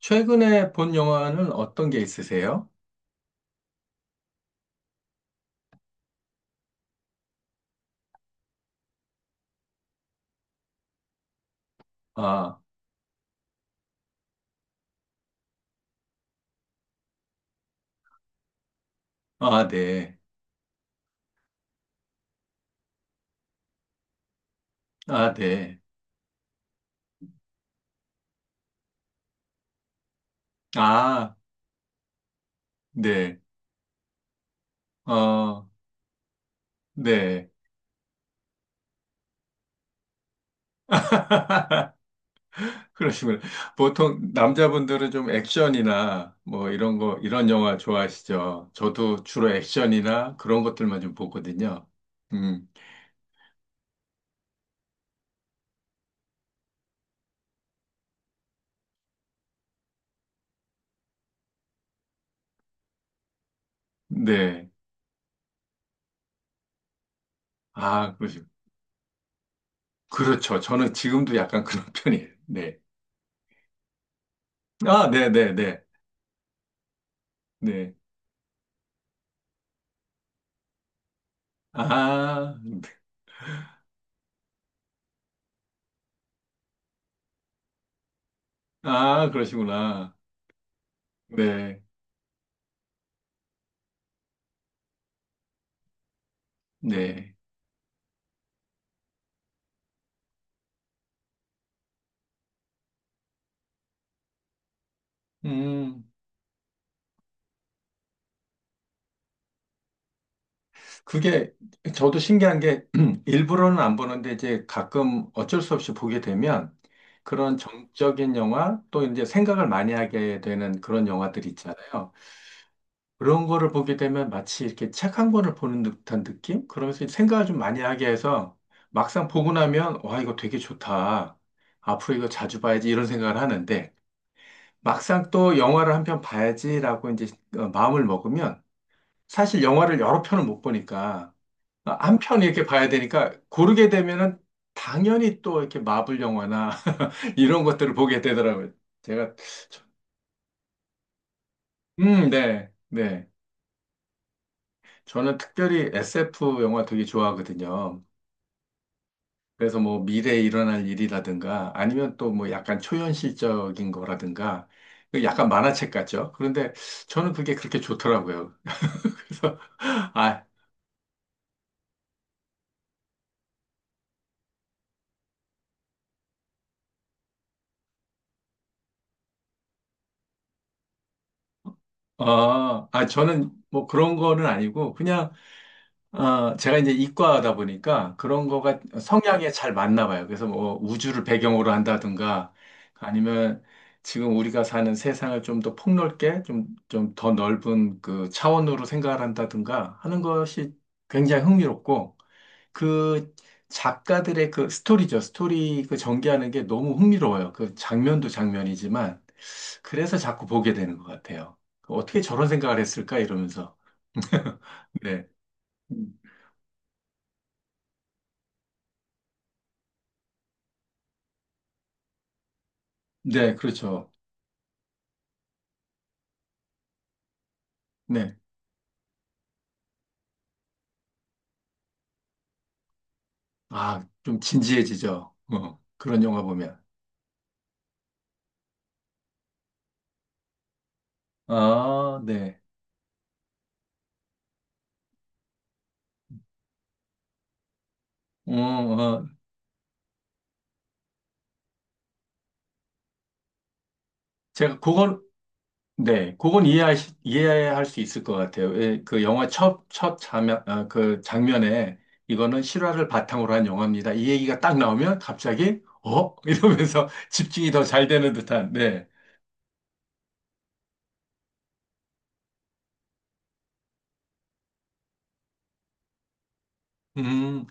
최근에 본 영화는 어떤 게 있으세요? 아, 아, 네. 아, 네. 아, 네. 어, 네. 그러시군요. 보통 남자분들은 좀 액션이나 뭐 이런 거, 이런 영화 좋아하시죠? 저도 주로 액션이나 그런 것들만 좀 보거든요. 음, 네. 아, 그러시 그렇죠. 저는 지금도 약간 그런 편이에요. 네. 아, 네, 네, 네. 네. 아, 아, 그러시구나. 네. 네. 음, 그게 저도 신기한 게 일부러는 안 보는데 이제 가끔 어쩔 수 없이 보게 되면 그런 정적인 영화 또 이제 생각을 많이 하게 되는 그런 영화들 있잖아요. 그런 거를 보게 되면 마치 이렇게 책 한 권을 보는 듯한 느낌? 그러면서 생각을 좀 많이 하게 해서 막상 보고 나면 와, 이거 되게 좋다. 앞으로 이거 자주 봐야지 이런 생각을 하는데 막상 또 영화를 한 편 봐야지라고 이제 어, 마음을 먹으면 사실 영화를 여러 편을 못 보니까 아, 한 편 이렇게 봐야 되니까 고르게 되면은 당연히 또 이렇게 마블 영화나 이런 것들을 보게 되더라고요. 제가 저- 네, 네. 저는 특별히 SF 영화 되게 좋아하거든요. 그래서 뭐 미래에 일어날 일이라든가 아니면 또 뭐 약간 초현실적인 거라든가 그 약간 만화책 같죠. 그런데 저는 그게 그렇게 좋더라고요. 그래서 아, 아, 아, 저는 뭐 그런 거는 아니고 그냥 아, 제가 이제 이과다 보니까 그런 거가 성향에 잘 맞나 봐요. 그래서 뭐 우주를 배경으로 한다든가 아니면 지금 우리가 사는 세상을 좀 더 폭넓게 좀, 좀 더 넓은 그 차원으로 생각을 한다든가 하는 것이 굉장히 흥미롭고 그 작가들의 그 스토리죠. 스토리 그 전개하는 게 너무 흥미로워요. 그 장면도 장면이지만 그래서 자꾸 보게 되는 것 같아요. 어떻게 저런 생각을 했을까 이러면서. 네. 네, 그렇죠. 네. 아, 좀 진지해지죠. 어, 그런 영화 보면. 아, 네. 어, 어, 제가 그걸, 네, 그건 이해할, 수- 이해할 수 있을 것 같아요. 예, 그 영화 첫, 첫 장면, 아, 그 장면에 이거는 실화를 바탕으로 한 영화입니다. 이 얘기가 딱 나오면 갑자기, 어? 이러면서 집중이 더 잘 되는 듯한, 네. 음.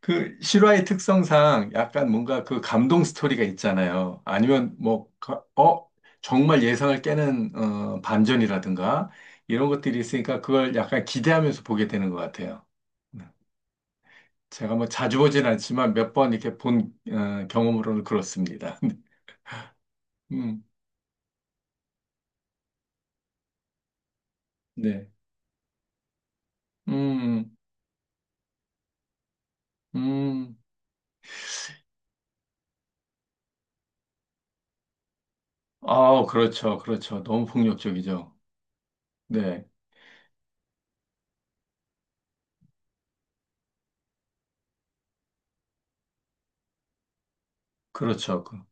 그 실화의 특성상 약간 뭔가 그 감동 스토리가 있잖아요. 아니면 뭐, 가- 어, 정말 예상을 깨는 어, 반전이라든가 이런 것들이 있으니까 그걸 약간 기대하면서 보게 되는 것 같아요. 네. 제가 뭐 자주 보진 않지만 몇 번 이렇게 본 어, 경험으로는 그렇습니다. 음, 네. 음, 음. 아, 그렇죠. 그렇죠. 너무 폭력적이죠. 네. 그렇죠. 그렇죠.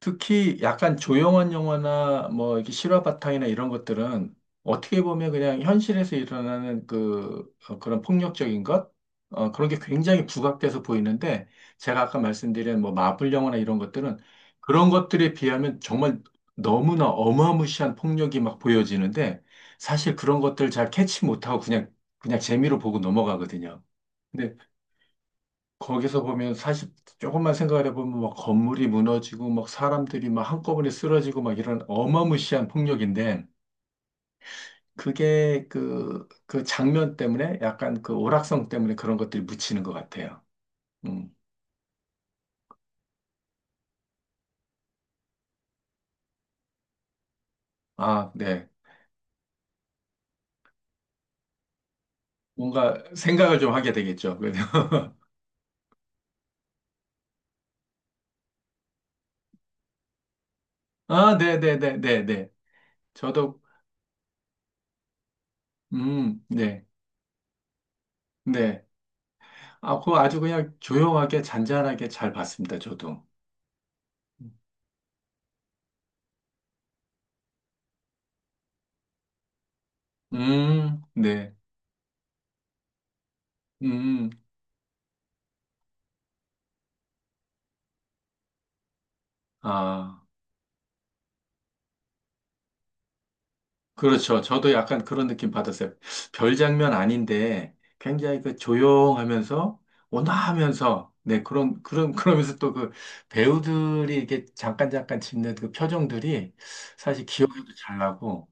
특히 약간 조용한 영화나 뭐 이렇게 실화 바탕이나 이런 것들은 어떻게 보면 그냥 현실에서 일어나는 그 어, 그런 폭력적인 것 어, 그런 게 굉장히 부각돼서 보이는데 제가 아까 말씀드린 뭐 마블 영화나 이런 것들은 그런 것들에 비하면 정말 너무나 어마무시한 폭력이 막 보여지는데 사실 그런 것들 잘 캐치 못하고 그냥 그냥 재미로 보고 넘어가거든요. 거기서 보면 사실 조금만 생각을 해보면 막 건물이 무너지고 막 사람들이 막 한꺼번에 쓰러지고 막 이런 어마무시한 폭력인데 그게 그 장면 때문에 약간 그 오락성 때문에 그런 것들이 묻히는 것 같아요. 음. 아, 네. 뭔가 생각을 좀 하게 되겠죠. 그래서 아, 네네네네네. 저도, 네. 네. 아, 그거 아주 그냥 조용하게 잔잔하게 잘 봤습니다. 저도. 네. 음, 아. 그렇죠. 저도 약간 그런 느낌 받았어요. 별 장면 아닌데 굉장히 그 조용하면서 온화하면서 네 그런 그런 그러면서 또 그 배우들이 이렇게 잠깐 잠깐 짓는 그 표정들이 사실 기억에도 잘 나고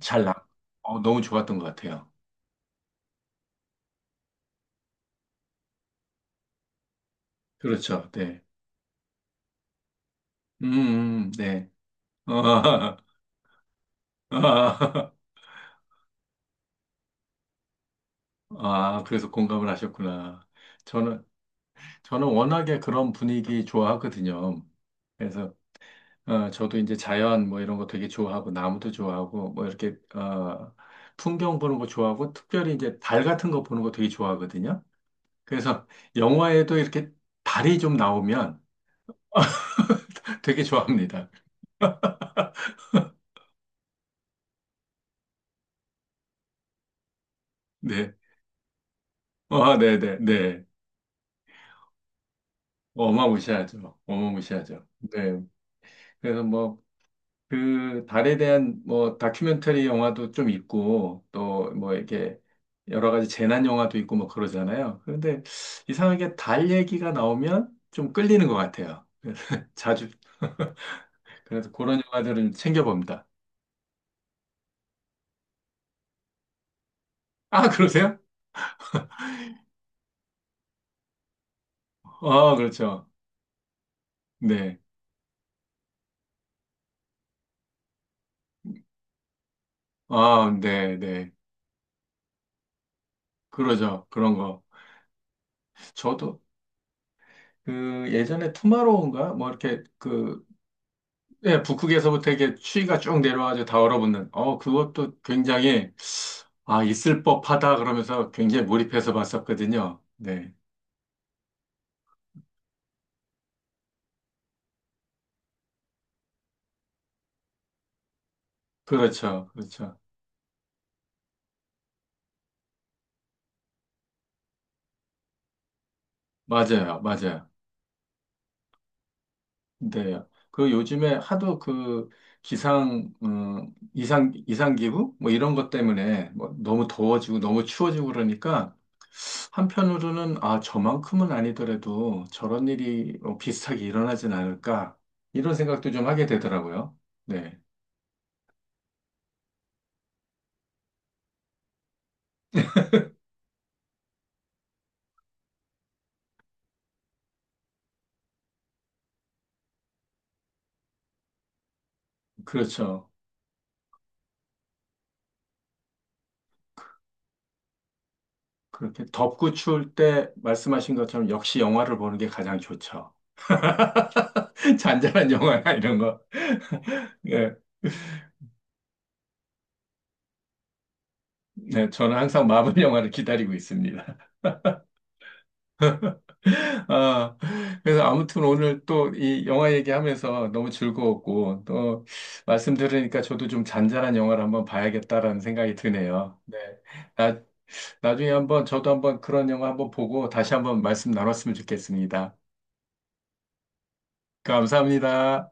잘 나. 어, 너무 좋았던 것 같아요. 그렇죠. 네. 음, 네. 아, 아, 아, 그래서 공감을 하셨구나. 저는 저는 워낙에 그런 분위기 좋아하거든요. 그래서 어, 저도 이제 자연 뭐 이런 거 되게 좋아하고 나무도 좋아하고 뭐 이렇게 어, 풍경 보는 거 좋아하고 특별히 이제 달 같은 거 보는 거 되게 좋아하거든요. 그래서 영화에도 이렇게 달이 좀 나오면 되게 좋아합니다. 네. 아, 네네, 네. 어마무시하죠. 어마무시하죠. 네. 그래서 뭐, 그 달에 대한 뭐 다큐멘터리 영화도 좀 있고 또 뭐 이렇게 여러 가지 재난 영화도 있고 뭐 그러잖아요. 그런데 이상하게 달 얘기가 나오면 좀 끌리는 것 같아요. 그래서 자주 그래서 그런 영화들은 챙겨봅니다. 아, 그러세요? 아, 그렇죠. 네. 아, 네, 네. 그러죠. 그런 거. 저도 그 예전에 투마로우인가 뭐 이렇게 그 예, 북극에서부터 이렇게 추위가 쭉 내려와서 다 얼어붙는, 어, 그것도 굉장히, 아, 있을 법하다 그러면서 굉장히 몰입해서 봤었거든요. 네. 그렇죠. 그렇죠. 맞아요. 맞아요. 네. 그 요즘에 하도 그 기상, 이상, 이상기후? 뭐 이런 것 때문에 뭐 너무 더워지고 너무 추워지고 그러니까 한편으로는 아, 저만큼은 아니더라도 저런 일이 어, 비슷하게 일어나진 않을까 이런 생각도 좀 하게 되더라고요. 네. 그렇죠. 그렇게 덥고 추울 때 말씀하신 것처럼 역시 영화를 보는 게 가장 좋죠. 잔잔한 영화나 이런 거. 예, 네, 저는 항상 마블 영화를 기다리고 있습니다. 아, 그래서 아무튼 오늘 또 이 영화 얘기하면서 너무 즐거웠고, 또 말씀 들으니까 저도 좀 잔잔한 영화를 한번 봐야겠다라는 생각이 드네요. 네. 나, 나중에 한번 저도 한번 그런 영화 한번 보고 다시 한번 말씀 나눴으면 좋겠습니다. 감사합니다.